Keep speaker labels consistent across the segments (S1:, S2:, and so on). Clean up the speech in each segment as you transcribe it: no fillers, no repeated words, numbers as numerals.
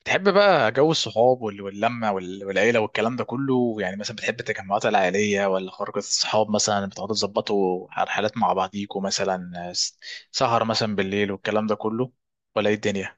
S1: بتحب بقى جو الصحاب واللمة والعيلة والكلام ده كله، يعني مثلا بتحب التجمعات العائلية ولا خروجة الصحاب؟ مثلا بتقعدوا تظبطوا على حالات مع بعضيكوا، مثلا سهر مثلا بالليل والكلام ده كله، ولا ايه الدنيا؟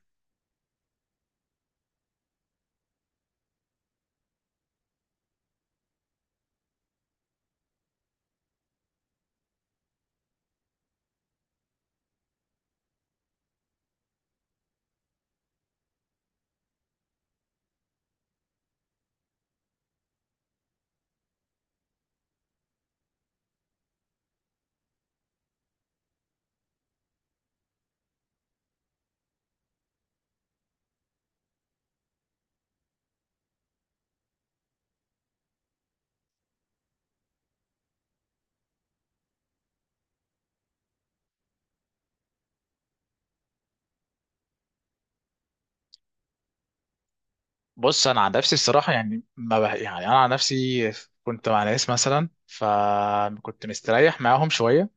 S1: بص، انا عن نفسي الصراحة يعني ما بح... يعني انا عن نفسي كنت مع ناس مثلا، فكنت مستريح معاهم شوية.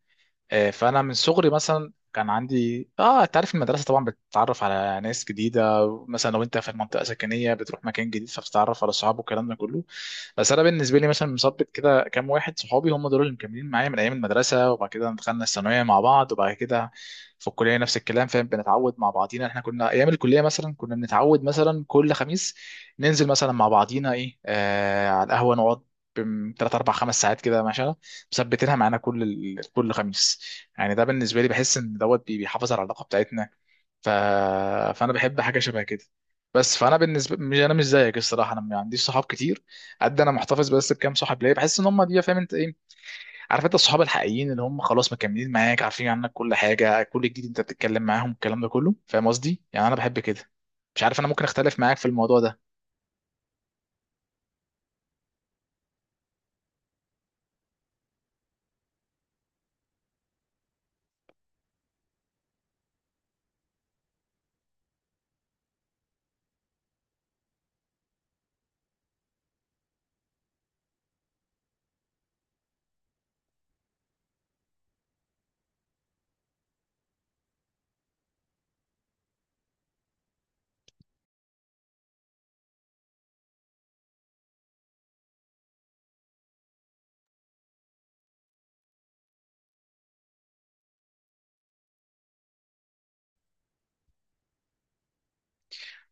S1: فانا من صغري مثلا كان عندي، انت عارف المدرسه طبعا بتتعرف على ناس جديده، مثلا لو انت في منطقه سكنيه بتروح مكان جديد فبتتعرف على اصحاب والكلام ده كله. بس انا بالنسبه لي مثلا مثبت كده كام واحد صحابي هم دول اللي مكملين معايا من ايام المدرسه، وبعد كده دخلنا الثانويه مع بعض، وبعد كده في الكليه نفس الكلام، فاهم؟ بنتعود مع بعضينا. احنا كنا ايام الكليه مثلا كنا بنتعود مثلا كل خميس ننزل مثلا مع بعضينا، ايه، على القهوه نقعد ثلاث اربع خمس ساعات كده، مثبتينها معانا كل كل خميس. يعني ده بالنسبه لي بحس ان دوت بيحافظ على العلاقه بتاعتنا. ف... فانا بحب حاجه شبه كده. بس فانا بالنسبه، مش انا مش زيك الصراحه، انا ما عنديش صحاب كتير قد، انا محتفظ بس بكام صاحب ليا، بحس ان هم دي، فاهم انت ايه؟ عارف انت الصحاب الحقيقيين اللي هم خلاص مكملين معاك، عارفين عنك كل حاجه كل جديد، انت بتتكلم معاهم الكلام ده كله، فاهم قصدي؟ يعني انا بحب كده. مش عارف، انا ممكن اختلف معاك في الموضوع ده.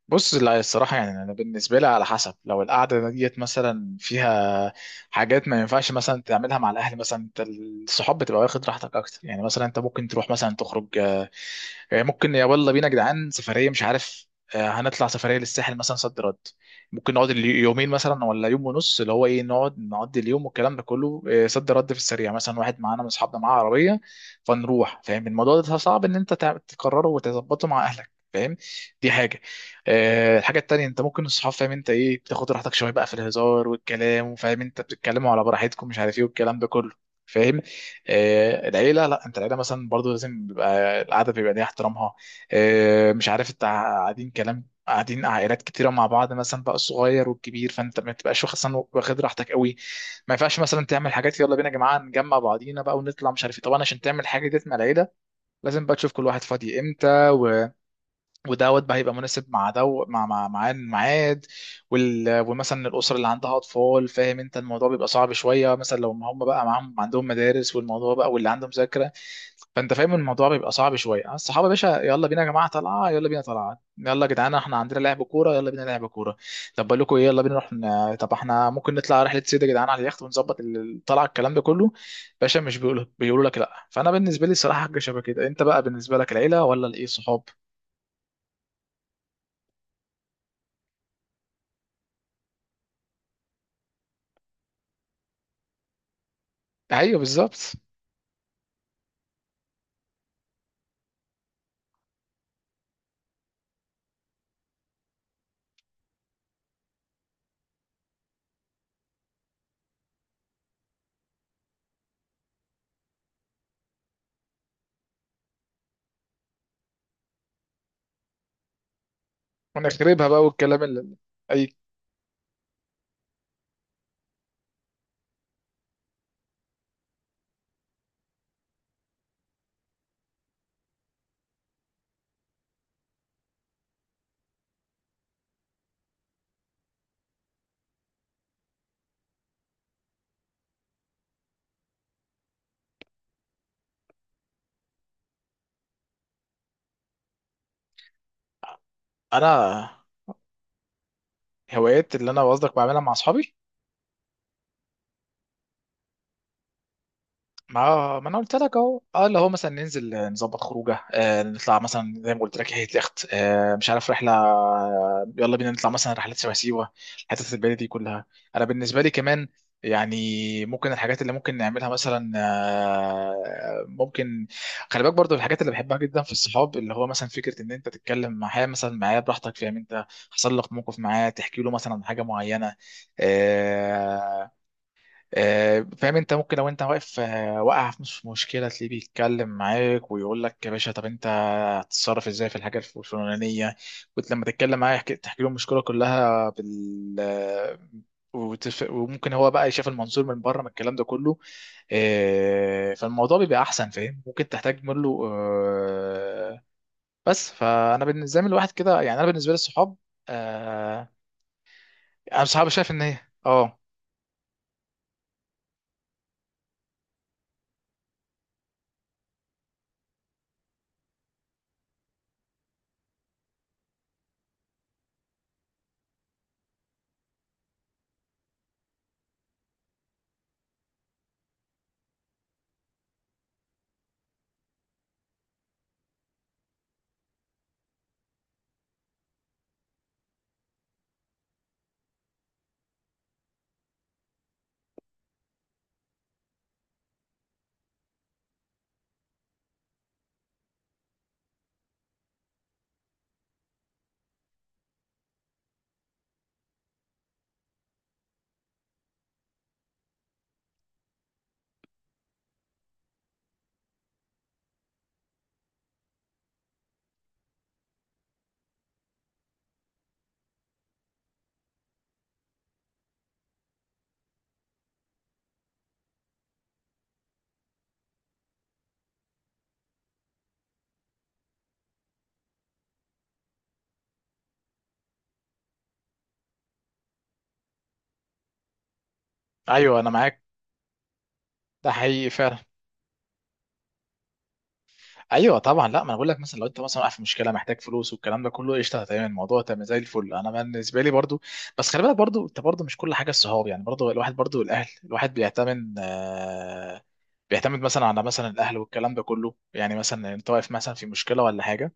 S1: بص، لا الصراحة يعني أنا بالنسبة لي على حسب، لو القعدة ديت مثلا فيها حاجات ما ينفعش مثلا تعملها مع الأهل، مثلا أنت الصحاب بتبقى واخد راحتك أكتر، يعني مثلا أنت ممكن تروح مثلا تخرج. ممكن يلا بينا يا جدعان سفريه، مش عارف، هنطلع سفريه للساحل مثلا، صد رد، ممكن نقعد يومين مثلا ولا يوم ونص، اللي هو ايه، نقعد نقضي اليوم والكلام ده كله، صد رد في السريع، مثلا واحد معانا من اصحابنا معاه عربيه فنروح، فاهم؟ الموضوع ده صعب ان انت تقرره وتظبطه مع اهلك، فاهم؟ دي حاجه. الحاجه التانيه انت ممكن الصحاب، فاهم انت ايه، بتاخد راحتك شويه بقى في الهزار والكلام، وفاهم انت بتتكلموا على براحتكم مش عارف ايه والكلام ده كله، فاهم؟ العيله لا، انت العيله مثلا برضو لازم بيبقى القعده بيبقى ليها احترامها. مش عارف، انت قاعدين كلام قاعدين عائلات كتيره مع بعض، مثلا بقى الصغير والكبير، فانت ما تبقاش واخد مثلاً واخد راحتك قوي. ما ينفعش مثلا تعمل حاجات يلا بينا يا جماعه نجمع بعضينا بقى ونطلع مش عارف ايه، طبعا عشان تعمل حاجه ديت مع العيله لازم بقى تشوف كل واحد فاضي امتى، ودوت بقى هيبقى مناسب مع دو مع مع مع الميعاد. ومثلا الاسر اللي عندها اطفال، فاهم انت، الموضوع بيبقى صعب شويه، مثلا لو ما هم بقى معاهم عندهم مدارس والموضوع بقى، واللي عنده مذاكره، فانت فاهم الموضوع بيبقى صعب شويه. الصحابه يا باشا يلا بينا يا جماعه طلعه، يلا بينا طلعه، يلا يا جدعان احنا عندنا لعب كوره يلا بينا لعب كوره، طب بقول لكم ايه يلا بينا طب احنا ممكن نطلع رحله سيده يا جدعان على اليخت ونظبط الطلعه الكلام ده كله، باشا مش بيقولوا لك لا. فانا بالنسبه لي الصراحه حاجه شبه كده. انت بقى بالنسبه لك العيله ولا الايه صحاب؟ ايوه بالظبط. ونخربها بقى والكلام اللي، اي، انا هوايات اللي انا قصدك بعملها مع اصحابي؟ ما انا قلت لك اهو، اللي هو مثلا ننزل، نظبط خروجه، آه نطلع مثلا زي ما قلت لك هي اليخت، آه مش عارف رحله، يلا بينا نطلع مثلا رحلات شبه سيوه الحتت البعيده دي كلها. انا بالنسبه لي كمان يعني ممكن الحاجات اللي ممكن نعملها مثلا، ممكن، خلي بالك برضو الحاجات اللي بحبها جدا في الصحاب، اللي هو مثلا فكره ان انت تتكلم معاه مثلا، معاه براحتك، فاهم انت، حصل لك موقف معاه تحكي له مثلا عن حاجه معينه. آه، فاهم انت، ممكن لو انت واقف، واقع في نص مشكله، تلاقيه بيتكلم معاك ويقول لك يا باشا طب انت هتتصرف ازاي في الحاجه الفلانيه، كنت لما تتكلم معاه تحكي له المشكله كلها بال آه، وممكن هو بقى يشوف المنظور من بره من الكلام ده كله. فالموضوع بيبقى احسن، فاهم، ممكن تحتاج منه، بس فانا بالنسبه لي الواحد كده يعني، انا بالنسبه لي الصحاب، آه، انا صحابي شايف ان هي، اه ايوه انا معاك، ده حقيقي فعلا، ايوه طبعا. لا ما انا بقول لك مثلا لو انت مثلا واقع في مشكله محتاج فلوس والكلام ده كله، قشطه تمام الموضوع تمام زي الفل. انا بالنسبه لي برضو بس خلي بالك برضو، انت برضو مش كل حاجه الصحاب يعني، برضو الواحد برضو الاهل، الواحد بيعتمد بيعتمد مثلا على مثلا الاهل والكلام ده كله، يعني مثلا انت واقف مثلا في مشكله ولا حاجه،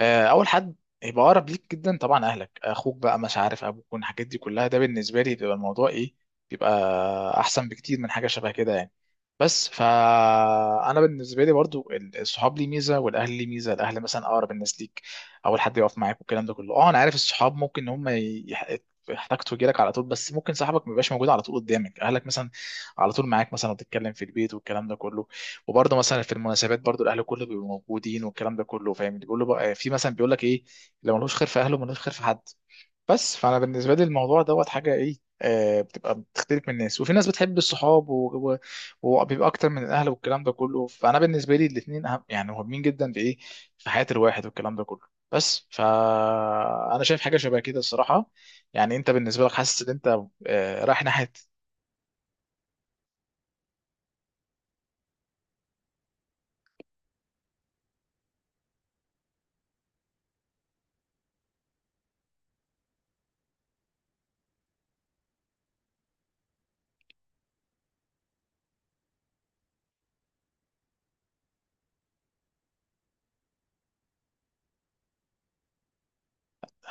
S1: اول حد يبقى اقرب ليك جدا طبعا اهلك، اخوك بقى، مش عارف ابوك والحاجات دي كلها. ده بالنسبه لي بيبقى الموضوع ايه، بيبقى احسن بكتير من حاجه شبه كده يعني. بس فانا بالنسبه لي برضو الصحاب ليه ميزه والاهل ليه ميزه، الاهل مثلا اقرب الناس ليك، اول حد يقف معاك والكلام ده كله. اه انا عارف الصحاب ممكن ان هم يحتاجوا لك على طول، بس ممكن صاحبك ما يبقاش موجود على طول قدامك، اهلك مثلا على طول معاك مثلا، وتتكلم في البيت والكلام ده كله، وبرضه مثلا في المناسبات برضه الاهل كله بيبقوا موجودين والكلام ده كله، فاهم؟ بيقول له بقى، في مثلا بيقول لك ايه، لو ملوش خير في اهله ملوش خير في حد. بس فانا بالنسبه لي الموضوع دوت حاجه ايه، بتبقى بتختلف من الناس، وفي ناس بتحب الصحاب وبيبقى اكتر من الاهل والكلام ده كله. فانا بالنسبه لي الاثنين اهم، يعني مهمين جدا في ايه، في حياه الواحد والكلام ده كله. بس فانا شايف حاجه شبه كده الصراحه. يعني انت بالنسبه لك حاسس ان انت آه رايح ناحيه،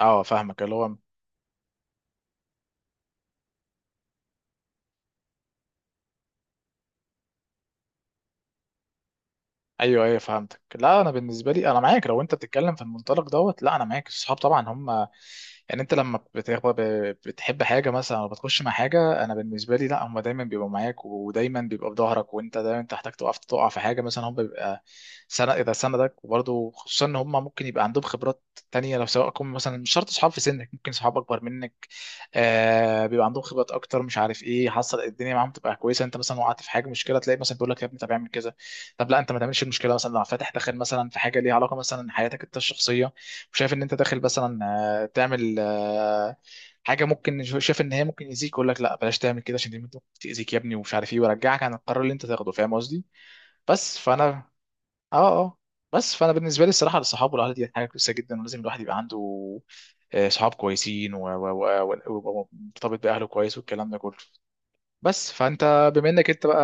S1: اه فاهمك اللي هو، ايوه ايوه فهمتك. لا انا بالنسبه لي انا معاك لو انت بتتكلم في المنطلق دوت، لا انا معاك الصحاب طبعا هم، يعني انت لما بتحب حاجه مثلا او بتخش مع حاجه، انا بالنسبه لي لا، هم دايما بيبقوا معاك ودايما بيبقوا في ظهرك، وانت دايما تحتاج تقف تقع في حاجه مثلا هم بيبقى سند اذا سندك. وبرضه خصوصا ان هم ممكن يبقى عندهم خبرات تانية، لو سواء كم مثلا مش شرط اصحاب في سنك ممكن صحاب اكبر منك، آه بيبقى عندهم خبرات اكتر مش عارف ايه، حصل الدنيا معاهم تبقى كويسه، انت مثلا وقعت في حاجه مشكله تلاقي مثلا بيقول لك يا ابني طب اعمل كذا، طب لا انت ما تعملش المشكله، مثلا لو فاتح داخل مثلا في حاجه ليها علاقه مثلا حياتك انت الشخصيه وشايف ان انت داخل مثلا، تعمل، حاجه ممكن شايف ان هي ممكن يأذيك، يقول لك لا بلاش تعمل كده عشان دي ممكن تأذيك يا ابني، ومش عارف ايه، ويرجعك عن القرار اللي انت تاخده، فاهم قصدي؟ بس فانا، اه، بس فانا بالنسبه لي الصراحه الصحاب والاهل دي حاجه كويسه جدا، ولازم الواحد يبقى عنده صحاب كويسين ومرتبط باهله كويس والكلام ده كله. بس فانت بما انك انت بقى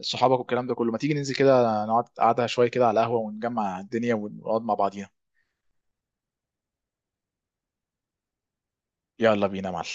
S1: صحابك والكلام ده كله، ما تيجي ننزل كده نقعد قعده شويه كده على القهوه ونجمع الدنيا ونقعد مع بعضينا؟ يلا بينا يا معلم.